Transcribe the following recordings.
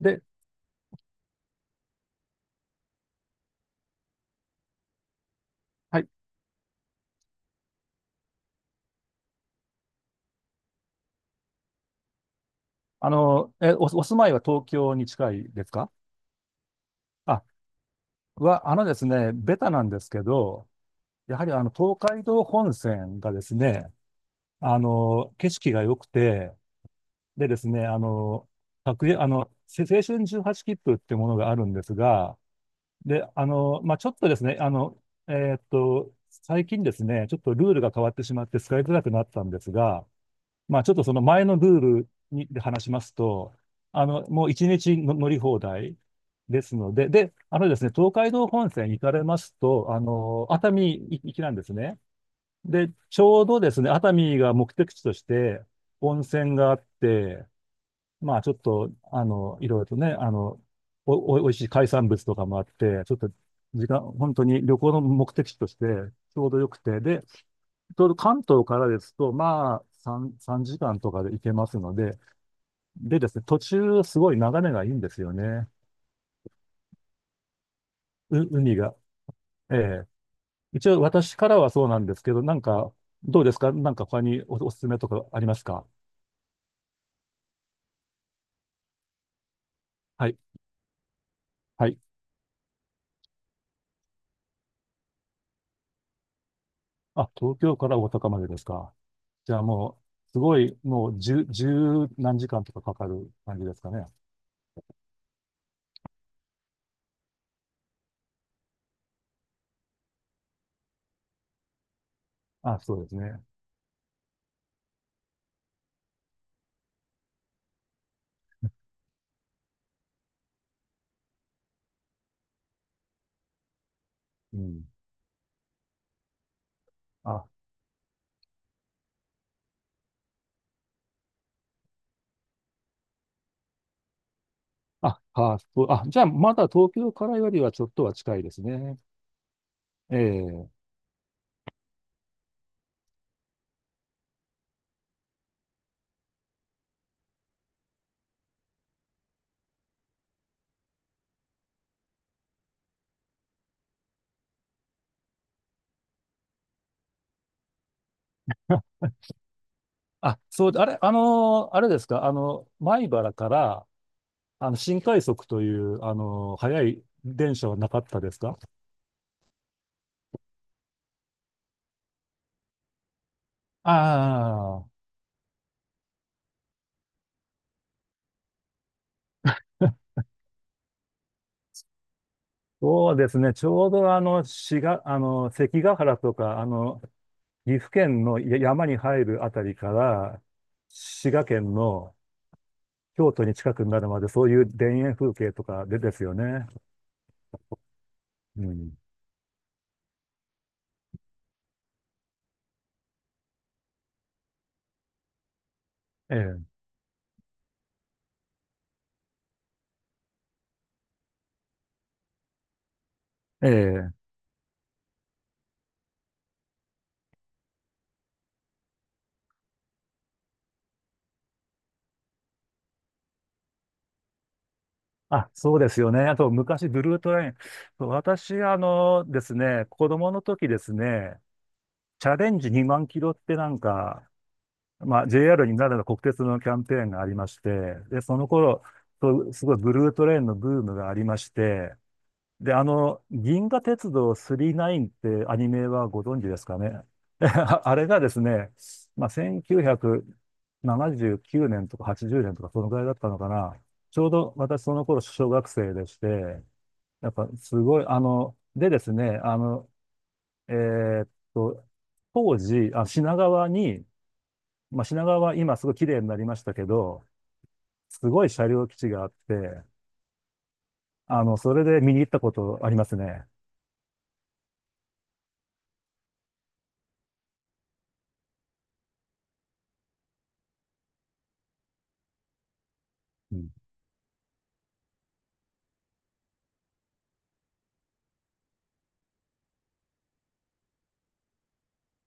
で、はい。お住まいは東京に近いですか？あ、は、あのですね、ベタなんですけど、やはり東海道本線がですね、景色が良くて、でですね、各駅青春18切符っていうものがあるんですが、で、まあ、ちょっとですね、最近ですね、ちょっとルールが変わってしまって使いづらくなったんですが、まあ、ちょっとその前のルールにで話しますと、もう一日の乗り放題ですので、で、あのですね、東海道本線に行かれますと、熱海行きなんですね。で、ちょうどですね、熱海が目的地として温泉があって、まあ、ちょっと、いろいろとね、おいしい海産物とかもあって、ちょっと時間、本当に旅行の目的地としてちょうどよくて、で、ちょうど関東からですと、まあ、3時間とかで行けますので、でですね、途中、すごい眺めがいいんですよね。海が。ええ。一応、私からはそうなんですけど、なんか、どうですか？なんか他におすすめとかありますか？はい。はい。東京から大阪までですか。じゃあもう、すごい、もう、十何時間とかかかる感じですかね。そうですね。うん。あ、そう。じゃあ、まだ東京からよりはちょっとは近いですね。ええ。そうで、あれ、あのーあれですか、米原から、新快速という、速い電車はなかったですか？ああ、そうですね、ちょうど滋賀、関ヶ原とか、岐阜県の山に入るあたりから、滋賀県の京都に近くなるまで、そういう田園風景とかでですよね。うん。ええ。ええ。そうですよね。あと、昔、ブルートレイン。そう、私、あのですね、子供の時ですね、チャレンジ2万キロってなんか、まあ、JR になるの国鉄のキャンペーンがありまして、で、その頃、そう、すごいブルートレインのブームがありまして、で、銀河鉄道9 9ってアニメはご存知ですかね？あれがですね、まあ、1979年とか80年とかそのぐらいだったのかな。ちょうど私その頃小学生でして、やっぱすごい、でですね、えーっと、当時、品川に、まあ、品川は今すごい綺麗になりましたけど、すごい車両基地があって、それで見に行ったことありますね。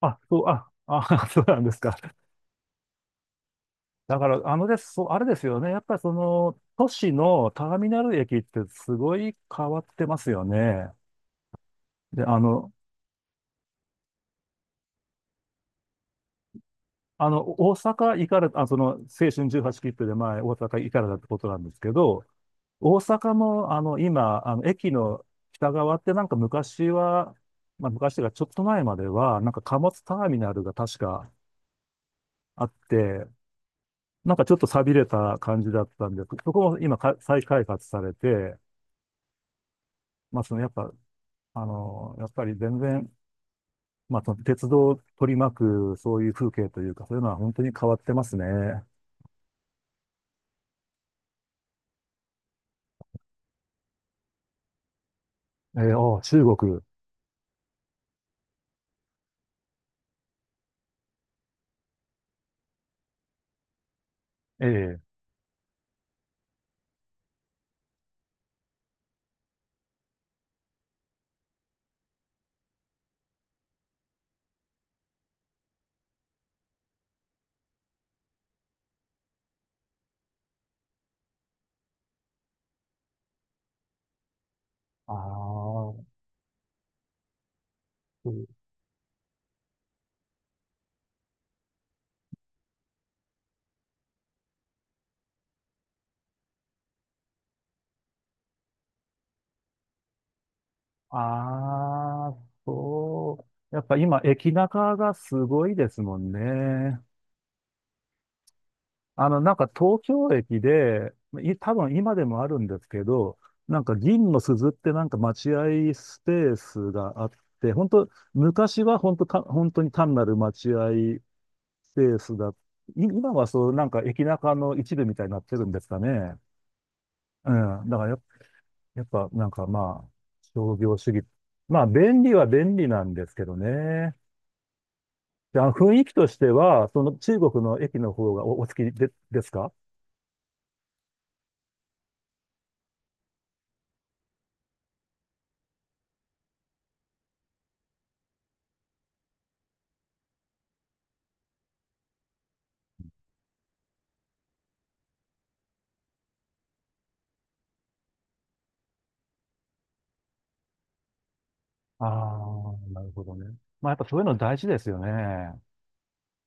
そうなんですか。だから、あのです、そう、あれですよね。やっぱりその、都市のターミナル駅ってすごい変わってますよね。で、大阪行かれた、その、青春18切符で前、大阪行かれたってことなんですけど、大阪も、今、駅の北側ってなんか昔は、まあ、昔がちょっと前までは、なんか貨物ターミナルが確かあって、なんかちょっと寂れた感じだったんです、そこも今か再開発されて、まあ、その、やっぱ、やっぱり全然、まあ、その鉄道を取り巻く、そういう風景というか、そういうのは本当に変わってますね。中国。ええ。ああ、そう。ああ、そう。やっぱ今、駅中がすごいですもんね。なんか東京駅で、多分今でもあるんですけど、なんか銀の鈴ってなんか待合スペースがあって、本当昔は本当に単なる待合スペースだ。今はそう、なんか駅中の一部みたいになってるんですかね。うん。だからやっぱなんかまあ、商業主義。まあ、便利は便利なんですけどね。で、雰囲気としては、その中国の駅の方がお好きで、ですか？ああー、なるほどね。まあ、やっぱそういうの大事ですよね。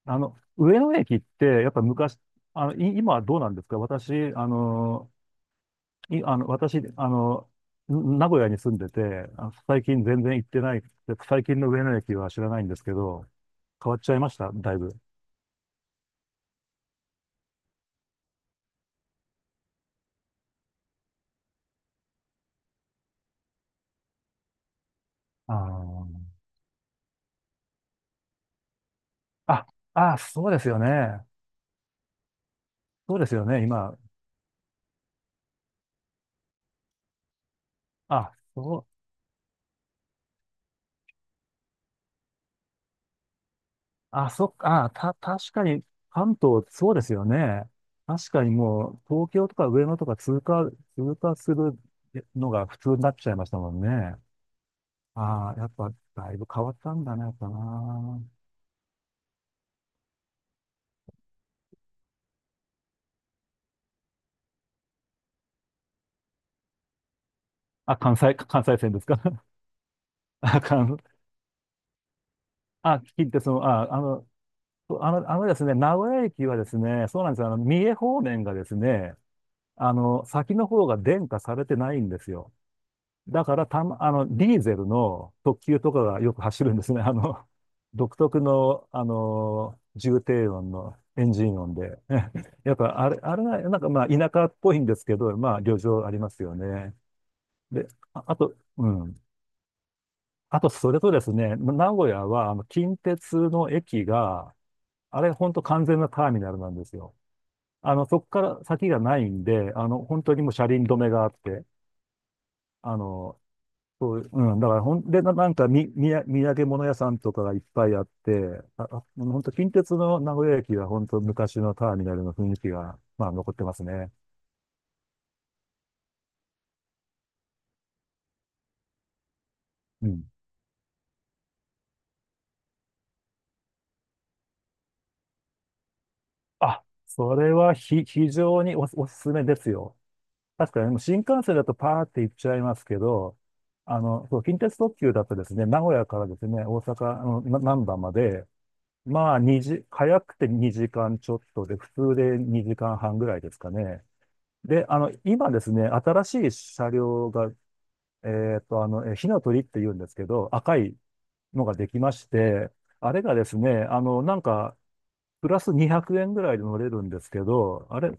上野駅って、やっぱ昔、今はどうなんですか？私、あの、い、あの、私、名古屋に住んでて、最近全然行ってない、最近の上野駅は知らないんですけど、変わっちゃいました、だいぶ。ああ、そうですよね。そうですよね、今。あ、そう、そっか、確かに、関東、そうですよね。確かにもう、東京とか上野とか通過するのが普通になっちゃいましたもんね。ああ、やっぱ、だいぶ変わったんだね、やっぱな。関西、関西線ですか？あかん。聞いて、その、あ、あの、あの、あのですね、名古屋駅はですね、そうなんですよ。三重方面がですね、先の方が電化されてないんですよ。だから、たま、あの、ディーゼルの特急とかがよく走るんですね。独特の、重低音のエンジン音で。やっぱ、あれが、なんかまあ、田舎っぽいんですけど、まあ、旅情ありますよね。で、あと、うん。あと、それとですね、名古屋は、近鉄の駅が、本当完全なターミナルなんですよ。そこから先がないんで、本当にもう車輪止めがあって、あの、そうう、だからほんで、なんかみ、みや、土産物屋さんとかがいっぱいあって、本当近鉄の名古屋駅は本当昔のターミナルの雰囲気が、まあ、残ってますね。うん。それは非常におすすめですよ。確かに、新幹線だとパーって行っちゃいますけど、そう、近鉄特急だとですね、名古屋からですね、大阪の難波まで、まあ、2時、早くて2時間ちょっとで、普通で2時間半ぐらいですかね。で、今ですね、新しい車両が、火の鳥って言うんですけど、赤いのができまして、あれがですね、なんか、プラス200円ぐらいで乗れるんですけど、あれ、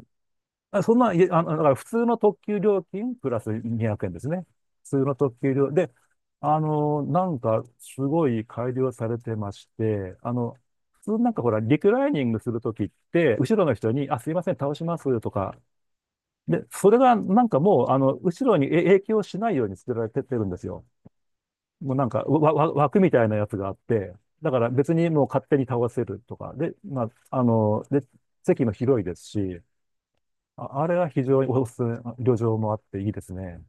そんな、いえ、だから普通の特急料金プラス200円ですね。普通の特急料、で、なんかすごい改良されてまして、普通なんかほら、リクライニングするときって、後ろの人に、あ、すいません、倒しますとか、で、それがなんかもう、後ろに影響しないように作られてってるんですよ。もうなんか、枠みたいなやつがあって、だから別にもう勝手に倒せるとか、で、まあ、あの、で、席も広いですし、あれは非常におすすめ、旅情もあっていいですね。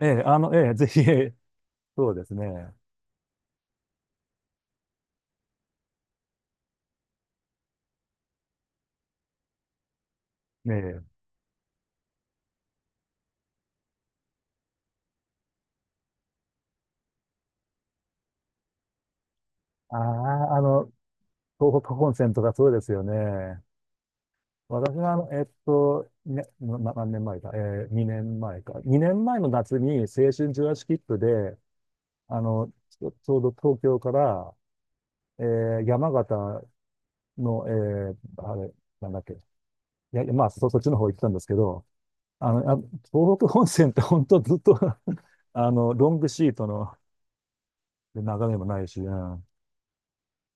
ええ、ええ、ぜひ、ええ、そうですね。ええ、ああ、東北本線とかそうですよね。私は、ね、何年前か、ええ、2年前か。2年前の夏に青春18切符で、あの、ちょうど東京から、ええ、山形の、ええ、あれ、なんだっけ、いや、まあ、そっちの方行ってたんですけど、あの、あ、東北本線って本当ずっと ロングシートの眺めもないし、うん、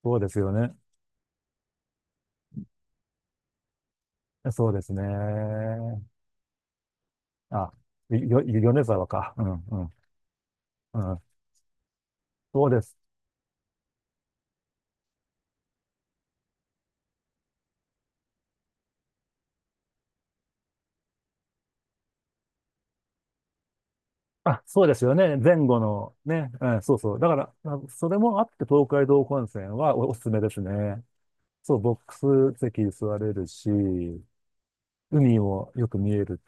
そうですよね。そうですね。あ、米沢か。うん、うん、うん。そうです。そうですよね。前後のね。うん、そうそう。だから、それもあって東海道本線はおすすめですね。そう、ボックス席座れるし、海もよく見える。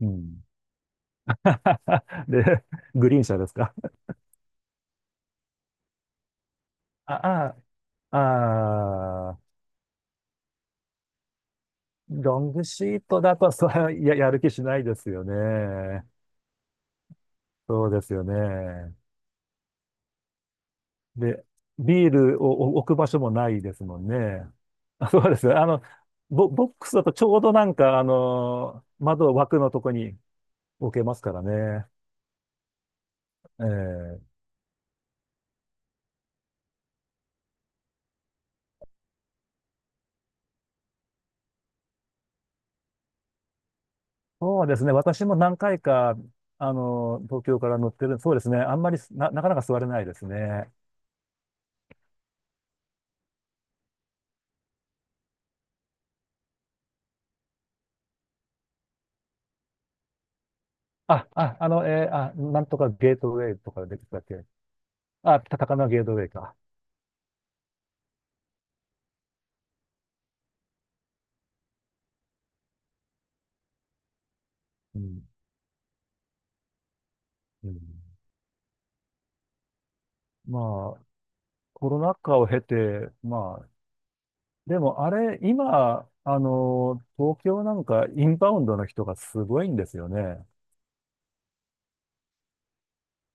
うん。で、グリーン車ですか？あ、あ、ああ、ロングシートだと、それは やる気しないですよね。そうですよね。で、ビールを置く場所もないですもんね。そうです。ボックスだとちょうどなんか、窓枠のとこに置けますからね。ええ、そうですね。私も何回か、東京から乗ってる。そうですね。あんまりなかなか座れないですね。なんとかゲートウェイとかでしたっけ。高輪ゲートウェイか。うん。うん、まあ、コロナ禍を経て、まあ、でもあれ、今、東京なんかインバウンドの人がすごいんですよね。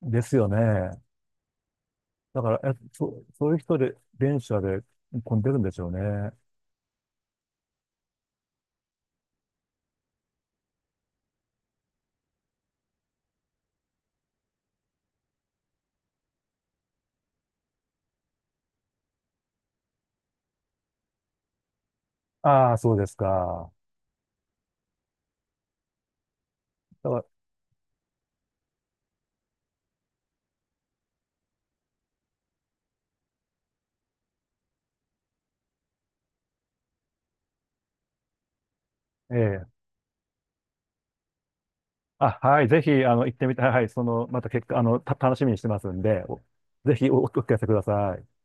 ですよね。だから、そういう人で、電車で混んでるんでしょうね。ああ、そうですか。だから、ええ。はい、ぜひ、行ってみたい。はい、その、また結果、楽しみにしてますんで、ぜひお聞かせください。